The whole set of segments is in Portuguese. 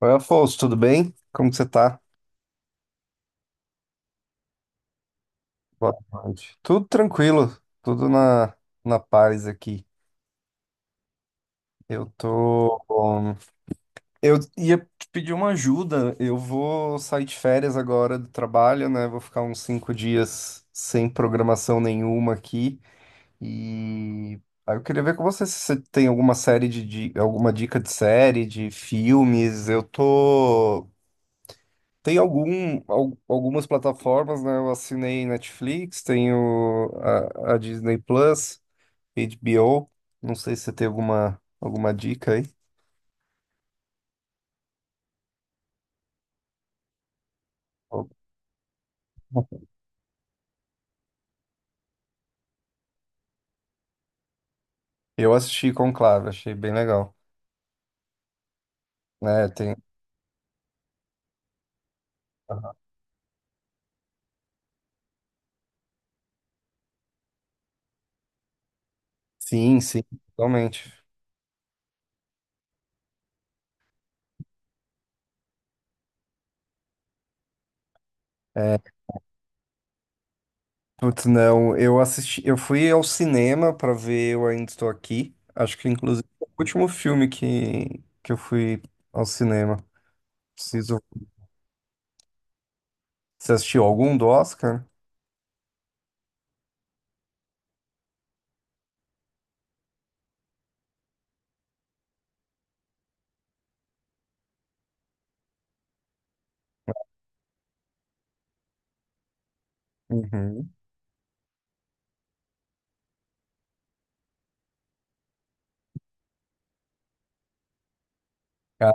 Oi, Afonso, tudo bem? Como que você tá? Boa tarde. Tudo tranquilo, tudo na, na paz aqui. Eu tô. um, eu ia te pedir uma ajuda. Eu vou sair de férias agora do trabalho, né? Vou ficar uns cinco dias sem programação nenhuma aqui. E aí eu queria ver com você se você tem alguma dica de série, de filmes. Eu tô. Tem algumas plataformas, né? Eu assinei Netflix, tenho a Disney Plus, HBO. Não sei se você tem alguma dica aí. Eu assisti Conclave, achei bem legal. né tem... Sim, sim, totalmente. É, Putz, não, eu fui ao cinema para ver Eu Ainda Estou Aqui. Acho que inclusive foi o último filme que eu fui ao cinema. Preciso. Você assistiu algum do Oscar? Uhum. Ah,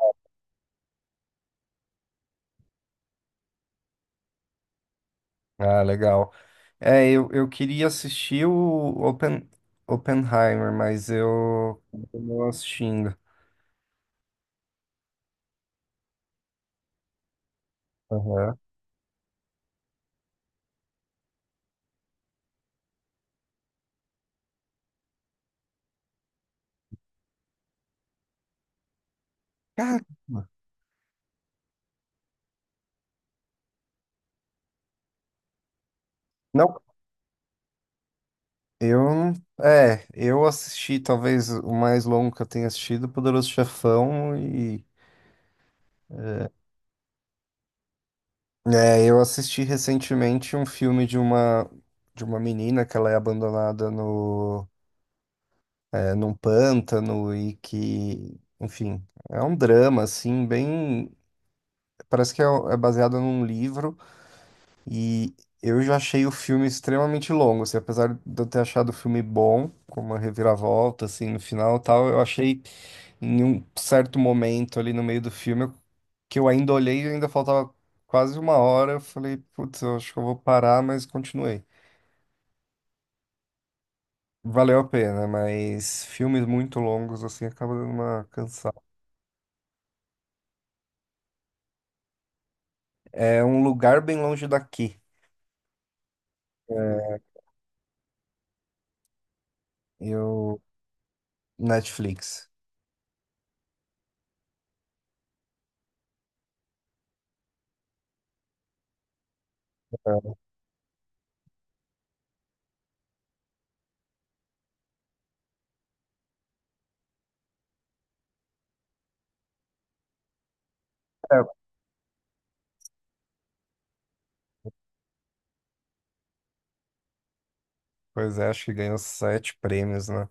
ah, legal. Eu queria assistir o Open, Oppenheimer, mas eu não assistindo. Aham. Caramba. Não, eu não. É, eu assisti talvez o mais longo que eu tenha assistido, Poderoso Chefão, e é, eu assisti recentemente um filme de uma menina que ela é abandonada no num pântano e que, enfim, é um drama assim, bem, parece que é baseado num livro. E eu já achei o filme extremamente longo, assim, apesar de eu ter achado o filme bom, com uma reviravolta, assim, no final e tal, eu achei em um certo momento ali no meio do filme eu- que eu ainda olhei e ainda faltava quase uma hora, eu falei, putz, eu acho que eu vou parar, mas continuei. Valeu a pena, mas filmes muito longos, assim, acaba dando uma cansada. É um lugar bem longe daqui, e o Netflix. É, pois é, acho que ganhou sete prêmios, né?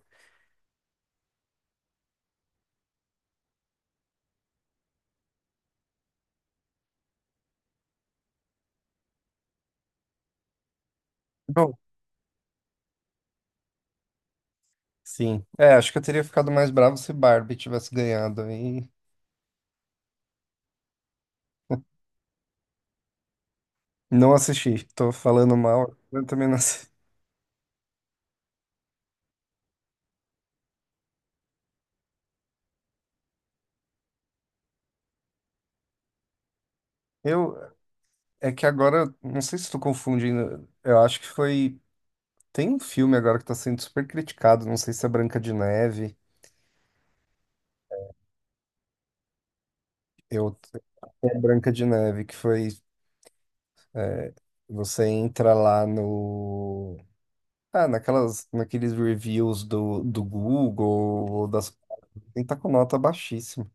Bom, sim. É, acho que eu teria ficado mais bravo se Barbie tivesse ganhado. E não assisti. Tô falando mal, eu também não assisti. Eu, é que agora, não sei se tô confundindo. Eu acho que foi. Tem um filme agora que tá sendo super criticado. Não sei se é Branca de Neve. Eu, é Branca de Neve, que foi. Você entra lá no. Ah, naqueles reviews do Google, ou das. Tem tá com nota baixíssima.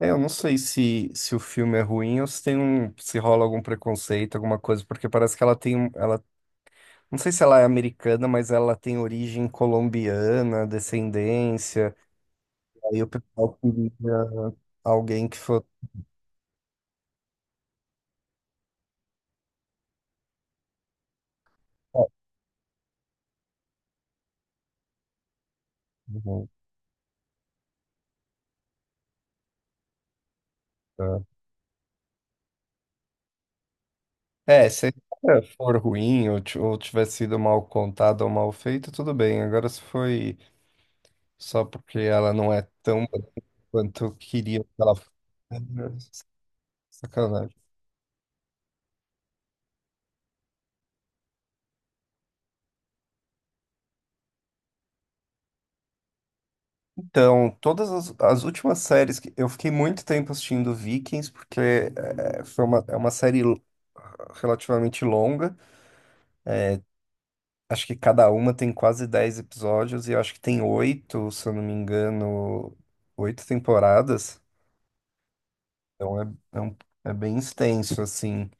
É, eu não sei se, se o filme é ruim ou se tem se rola algum preconceito, alguma coisa, porque parece que ela, não sei se ela é americana, mas ela tem origem colombiana, descendência. Aí o pessoal queria alguém que fosse. Uhum, tá. É, se a história for ruim ou tiver sido mal contada ou mal feita, tudo bem. Agora, se foi só porque ela não é tão boa quanto eu queria que ela fosse, é sacanagem. Então, as últimas séries que eu fiquei muito tempo assistindo Vikings, porque foi uma, relativamente longa. Acho que cada uma tem quase 10 episódios, e eu acho que tem oito, se eu não me engano, oito temporadas. Então é, é, um- é bem extenso, assim.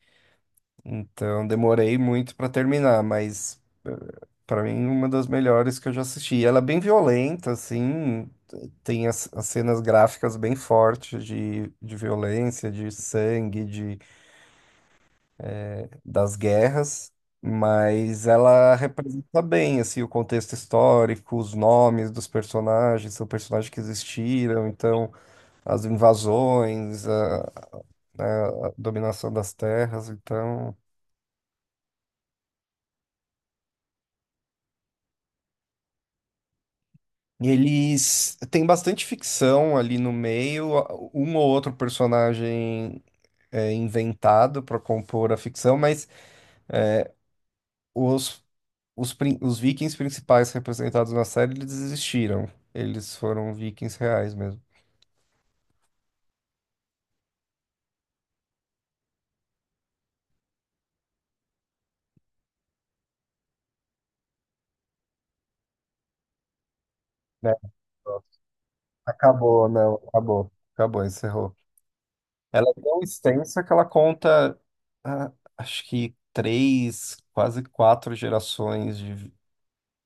Então demorei muito para terminar, mas. Pra mim, uma das melhores que eu já assisti. Ela é bem violenta, assim, tem as cenas gráficas bem fortes de violência, de sangue, de, das guerras, mas ela representa bem, assim, o contexto histórico, os nomes dos personagens, são personagens que existiram, então, as invasões, a dominação das terras, então... Eles têm bastante ficção ali no meio, um ou outro personagem é, inventado para compor a ficção, mas os, os vikings principais representados na série, eles existiram. Eles foram vikings reais mesmo. Né? Pronto. Acabou, não, acabou. Acabou, encerrou. Ela é tão extensa que ela conta, ah, acho que três, quase quatro gerações de,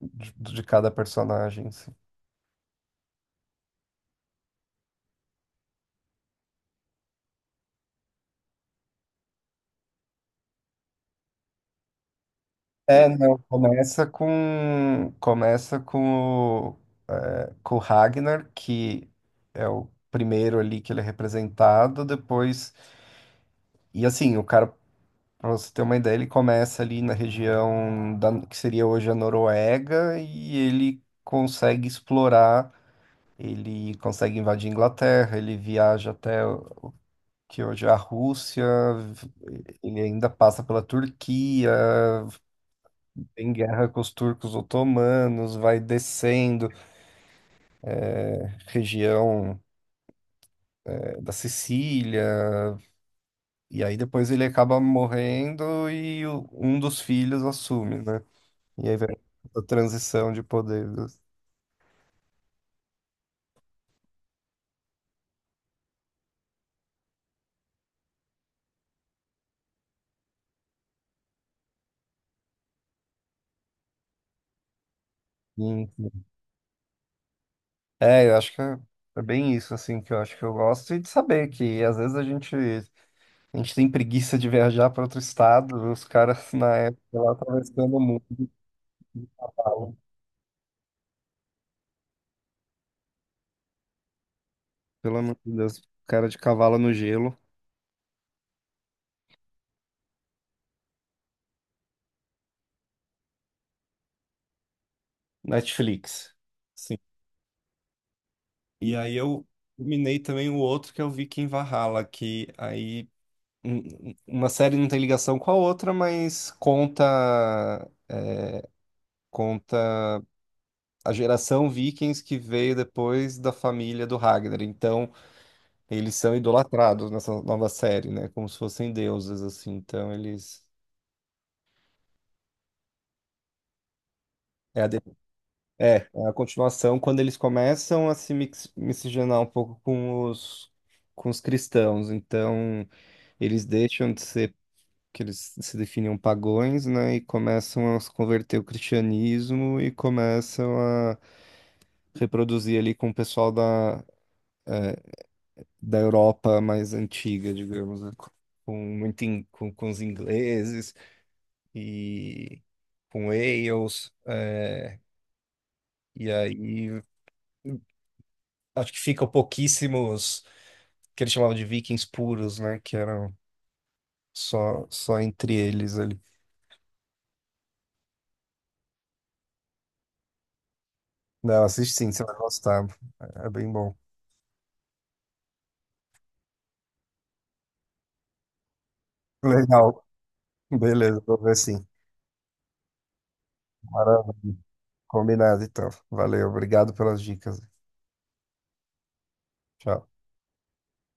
de, de cada personagem. É, não, começa com com o Ragnar, que é o primeiro ali que ele é representado, depois e assim, o cara, pra você ter uma ideia, ele começa ali na região da, que seria hoje a Noruega e ele consegue explorar, ele consegue invadir a Inglaterra, ele viaja até o- que hoje é a Rússia, v- ele ainda passa pela Turquia, tem guerra com os turcos otomanos, vai descendo região da Sicília, e aí depois ele acaba morrendo um dos filhos assume, né? E aí vem a transição de poderes. Sim, sim. Eu acho que é é bem isso, assim, que eu acho que eu gosto, e de saber que às vezes a gente tem preguiça de viajar para outro estado, os caras na época lá atravessando o mundo. Pelo amor de Deus, cara de cavalo no gelo, Netflix. E aí eu minei também o outro que eu vi que em Valhalla, que aí uma série não tem ligação com a outra, mas conta é, conta a geração Vikings que veio depois da família do Ragnar. Então, eles são idolatrados nessa nova série, né? Como se fossem deuses, assim. Então, eles. É a, de- é, é a continuação quando eles começam a se mix- miscigenar um pouco com com os cristãos. Então, eles deixam de ser que eles se definiam pagões, né, e começam a se converter ao cristianismo e começam a reproduzir ali com o pessoal da Europa mais antiga, digamos, né, com os ingleses e com Wales, é, e aí acho que ficam pouquíssimos que eles chamavam de vikings puros, né, que eram só entre eles ali. Não, assiste sim, você vai gostar. É bem bom. Legal. Beleza, vou ver sim. Maravilha. Combinado, então. Valeu, obrigado pelas dicas. Tchau.